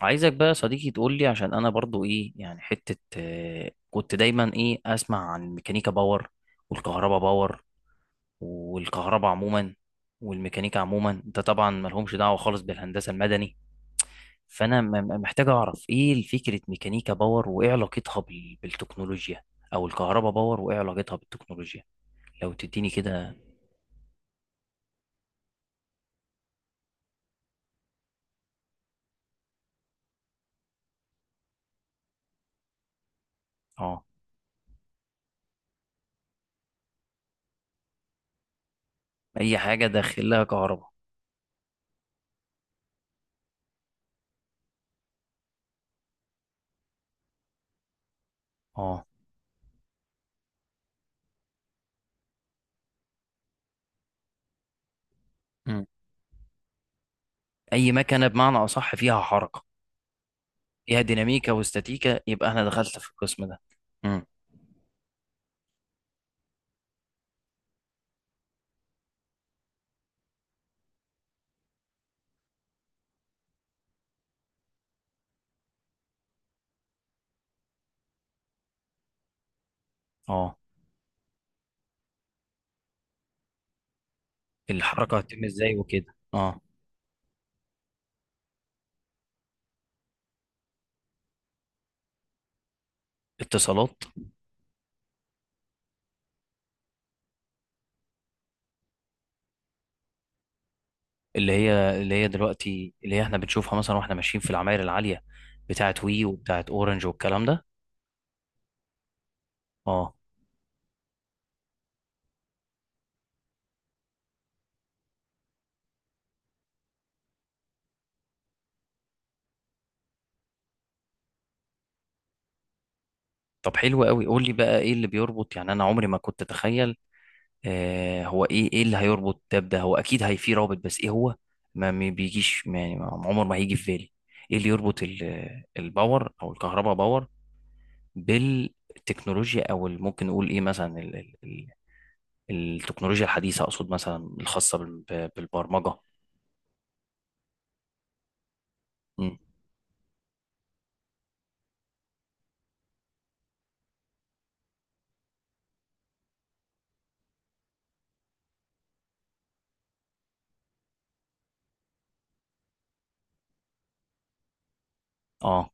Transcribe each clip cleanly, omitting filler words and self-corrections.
عايزك بقى يا صديقي تقول لي عشان انا برضو ايه يعني حتة كنت دايما ايه اسمع عن ميكانيكا باور والكهرباء باور والكهرباء عموما والميكانيكا عموما. انت طبعا ملهمش دعوة خالص بالهندسة المدني. فانا محتاج اعرف ايه فكرة ميكانيكا باور وايه علاقتها بالتكنولوجيا او الكهرباء باور وايه علاقتها بالتكنولوجيا لو تديني كده. اه. اي حاجة داخلها كهرباء. اه. مم. اي مكنة بمعنى اصح فيها حركة، فيها ديناميكا واستاتيكا، يبقى انا دخلت في القسم ده. مم. اه. الحركه هتتم ازاي وكده. اه. اتصالات. اللي هي دلوقتي، اللي هي احنا بنشوفها مثلا واحنا ماشيين في العماير العاليه بتاعت وي وبتاعت اورنج والكلام ده. اه. طب حلو قوي، قول لي بقى ايه اللي بيربط. يعني انا عمري ما كنت اتخيل. هو ايه، ايه اللي هيربط ده بده. هو اكيد هي في رابط، بس ايه هو. ما بيجيش، يعني عمر ما هيجي في بالي ايه اللي يربط الباور او الكهرباء باور بالتكنولوجيا، او ممكن نقول ايه مثلا ال التكنولوجيا الحديثه، اقصد مثلا الخاصه بالبرمجه. مم. اه.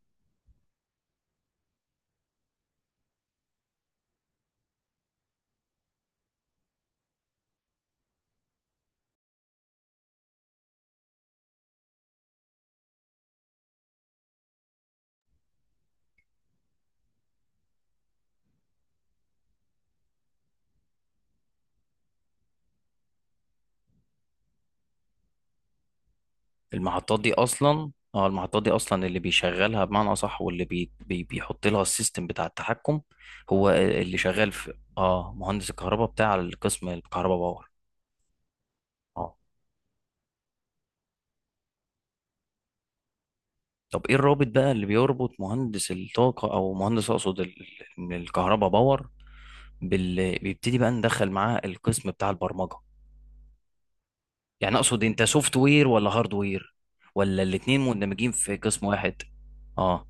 المحطات دي اصلا، اه المحطات دي اصلا اللي بيشغلها بمعنى اصح، واللي بي بي بيحط لها السيستم بتاع التحكم، هو اللي شغال في اه مهندس الكهرباء بتاع القسم الكهرباء باور. اه. طب ايه الرابط بقى اللي بيربط مهندس الطاقه، او مهندس اقصد الكهرباء باور بيبتدي بقى ندخل معاه القسم بتاع البرمجه. يعني اقصد انت سوفت وير ولا هارد وير، ولا الاتنين مندمجين في قسم واحد. اه.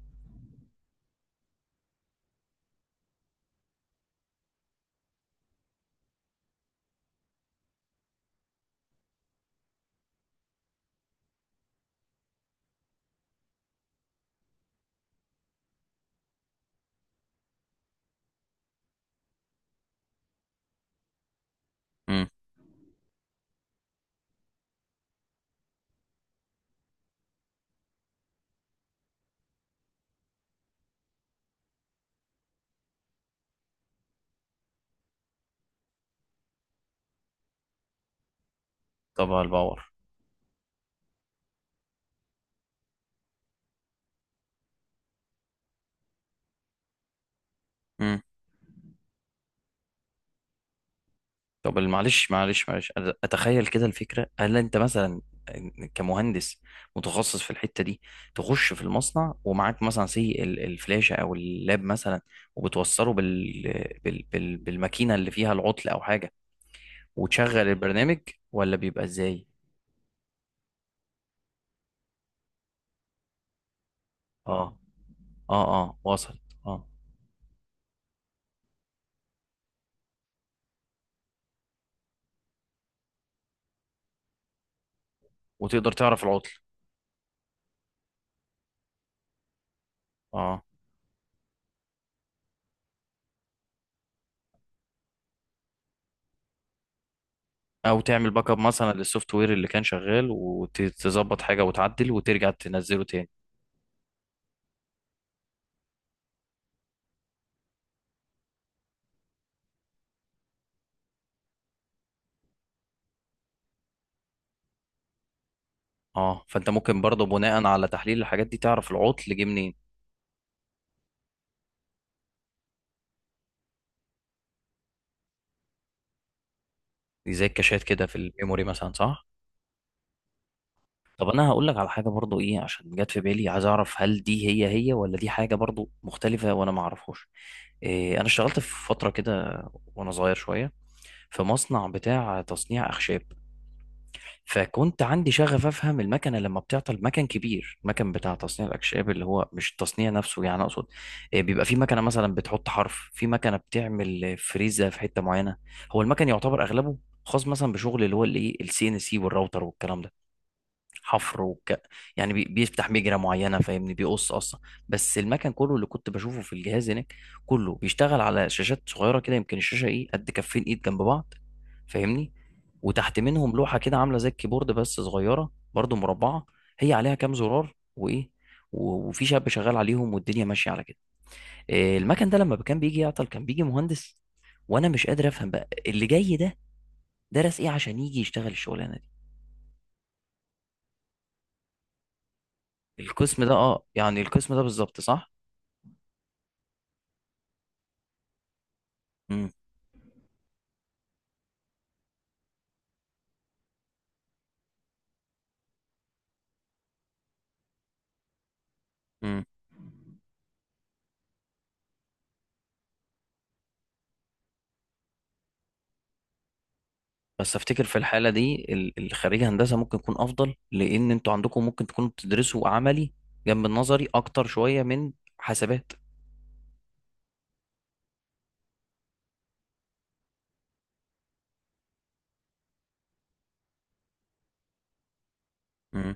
امم. طبعا الباور. امم. طب معلش معلش معلش، أنا اتخيل كده الفكره. هل انت مثلا كمهندس متخصص في الحته دي تخش في المصنع ومعاك مثلا سي الفلاشه او اللاب مثلا، وبتوصله بالماكينه اللي فيها العطل او حاجه وتشغل البرنامج، ولا بيبقى ازاي. اه، اه، اه، وصل. اه. وتقدر تعرف العطل. اه. او تعمل باك اب مثلا للسوفت وير اللي كان شغال وتظبط حاجه وتعدل وترجع تنزله تاني. اه. فانت ممكن برضه بناء على تحليل الحاجات دي تعرف العطل جه منين. دي زي الكاشات كده في الميموري مثلا، صح؟ طب انا هقول لك على حاجه برضه ايه، عشان جت في بالي. عايز اعرف هل دي هي ولا دي حاجه برضه مختلفه وانا ما اعرفهاش. إيه، انا اشتغلت في فتره كده وانا صغير شويه في مصنع بتاع تصنيع اخشاب. فكنت عندي شغف افهم المكنه لما بتعطل. مكن كبير، مكن بتاع تصنيع الاكشاب، اللي هو مش التصنيع نفسه يعني. اقصد، بيبقى في مكنه مثلا بتحط حرف، في مكنه بتعمل فريزه في حته معينه. هو المكن يعتبر اغلبه خاص مثلا بشغل اللي هو الايه السي ان سي والراوتر والكلام ده. حفر وك... يعني بيفتح مجرى معينه فاهمني، بيقص اصلا. بس المكن كله اللي كنت بشوفه في الجهاز هناك كله بيشتغل على شاشات صغيره كده، يمكن الشاشه ايه قد كفين ايد جنب بعض، فاهمني. وتحت منهم لوحه كده عامله زي الكيبورد بس صغيره برضو مربعه، هي عليها كام زرار وايه. وفي شاب شغال عليهم والدنيا ماشيه على كده. إيه، المكن ده لما كان بيجي يعطل كان بيجي مهندس، وانا مش قادر افهم بقى اللي جاي ده درس ايه عشان يجي يشتغل الشغلانه دي. القسم ده، اه يعني القسم ده بالظبط، صح. مم. مم. بس افتكر في الحاله دي الخريج هندسه ممكن يكون افضل، لان انتوا عندكم ممكن تكونوا بتدرسوا عملي جنب النظري اكتر شويه من حاسبات. مم.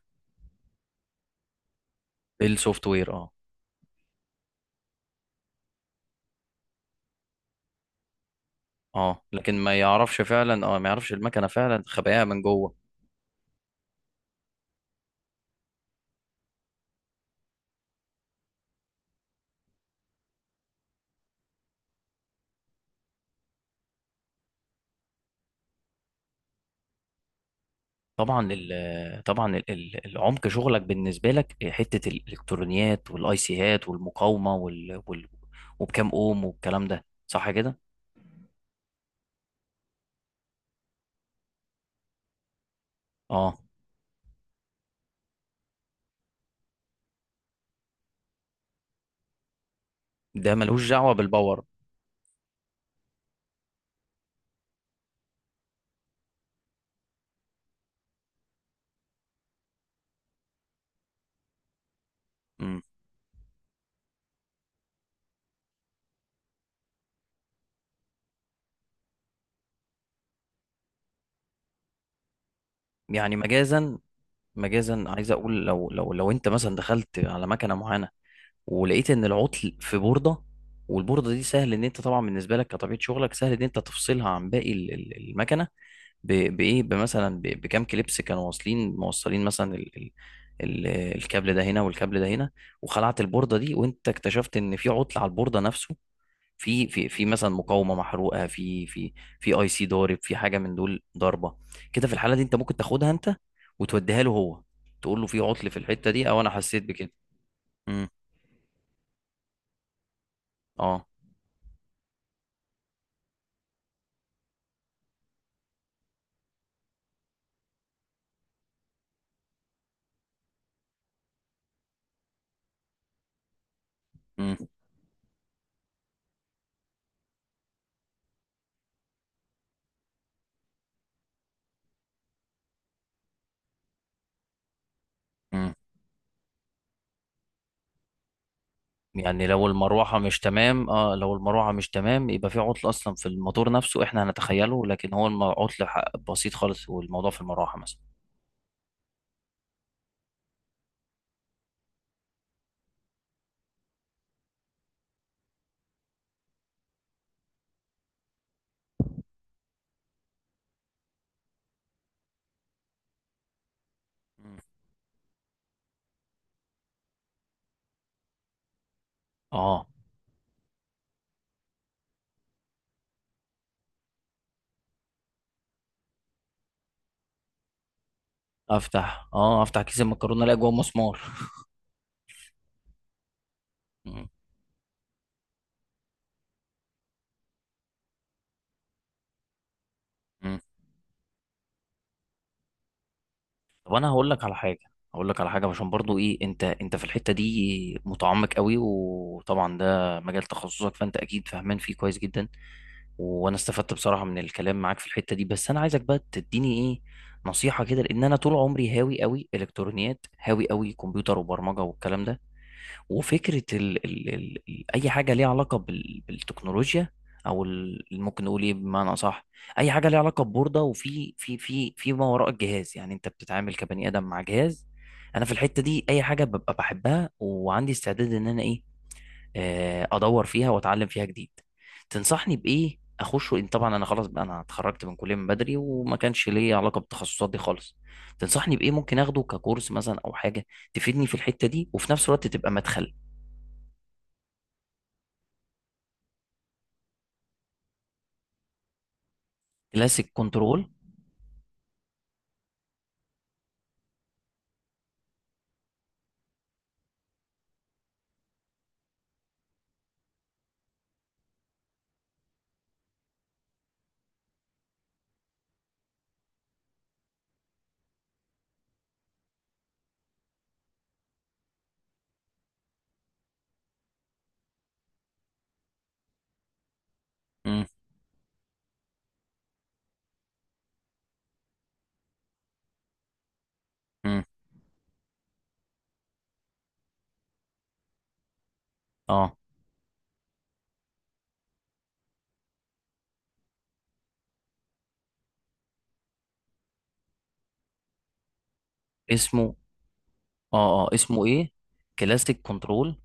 السوفت وير اه. اه لكن ما يعرفش فعلا، اه ما يعرفش المكنه فعلا خباياها من جوه. طبعا العمق شغلك بالنسبه لك حته الالكترونيات والاي سيهات والمقاومه وال وال وبكام اوم والكلام ده، صح كده. اه. ده ملوش دعوه بالباور. مم. يعني مجازا، مجازا عايز اقول، لو انت مثلا دخلت على مكنه معينه ولقيت ان العطل في بورده، والبورده دي سهل ان انت طبعا بالنسبه لك كطبيعه شغلك سهل ان انت تفصلها عن باقي المكنه، بايه، بمثلا بكام كليبس كانوا موصلين مثلا ال ال ال الكابل ده هنا والكابل ده هنا. وخلعت البورده دي وانت اكتشفت ان في عطل على البورده نفسه، في مثلا مقاومه محروقه، في في اي سي ضارب، في حاجه من دول ضاربه كده. في الحاله دي انت ممكن تاخدها انت وتوديها له هو، تقول له في عطل في الحته دي او انا حسيت بكده. امم. اه. مم. مم. يعني لو المروحه مش تمام، اه لو المروحه مش تمام يبقى في عطل اصلا في الموتور نفسه احنا هنتخيله، لكن هو عطل بسيط خالص والموضوع في المروحه مثلا. مم. اه. افتح، اه افتح كيس المكرونه الاقي جوه مسمار. مم. طب انا هقول لك على حاجه، هقول لك على حاجه عشان برضو ايه. انت في الحته دي متعمق قوي، وطبعا ده مجال تخصصك فانت اكيد فاهمان فيه كويس جدا. وانا استفدت بصراحه من الكلام معاك في الحته دي. بس انا عايزك بقى تديني ايه نصيحه كده، لان انا طول عمري هاوي قوي الكترونيات، هاوي قوي كمبيوتر وبرمجه والكلام ده. وفكرة أي حاجة ليها علاقة بالتكنولوجيا، أو ممكن نقول إيه بمعنى أصح. أي حاجة ليها علاقة ببوردة وفي في ما وراء الجهاز. يعني أنت بتتعامل كبني آدم مع جهاز. أنا في الحتة دي أي حاجة ببقى بحبها، وعندي استعداد إن أنا إيه، أدور فيها وأتعلم فيها جديد. تنصحني بإيه أخش، وإن طبعا أنا خلاص بقى، أنا اتخرجت من كلية من بدري وما كانش ليا علاقة بالتخصصات دي خالص. تنصحني بإيه ممكن أخده ككورس مثلا أو حاجة تفيدني في الحتة دي وفي نفس الوقت تبقى مدخل. كلاسيك كنترول. امم. امم. اه اسمه، اه اه اسمه ايه. كلاسيك كنترول.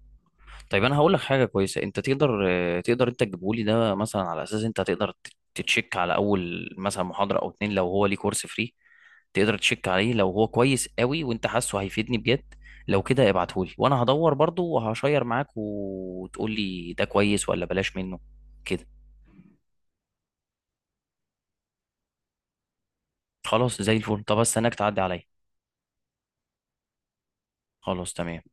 طيب انا هقول لك حاجه كويسه، انت تقدر، تقدر انت تجيبه لي ده مثلا، على اساس انت هتقدر تتشيك على اول مثلا محاضره او اتنين لو هو ليه كورس فري، تقدر تشيك عليه لو هو كويس قوي وانت حاسه هيفيدني بجد. لو كده ابعتهولي، وانا هدور برضو وهشير معاك وتقول لي ده كويس ولا بلاش منه، كده. خلاص زي الفل. طب استناك تعدي عليا. خلاص تمام.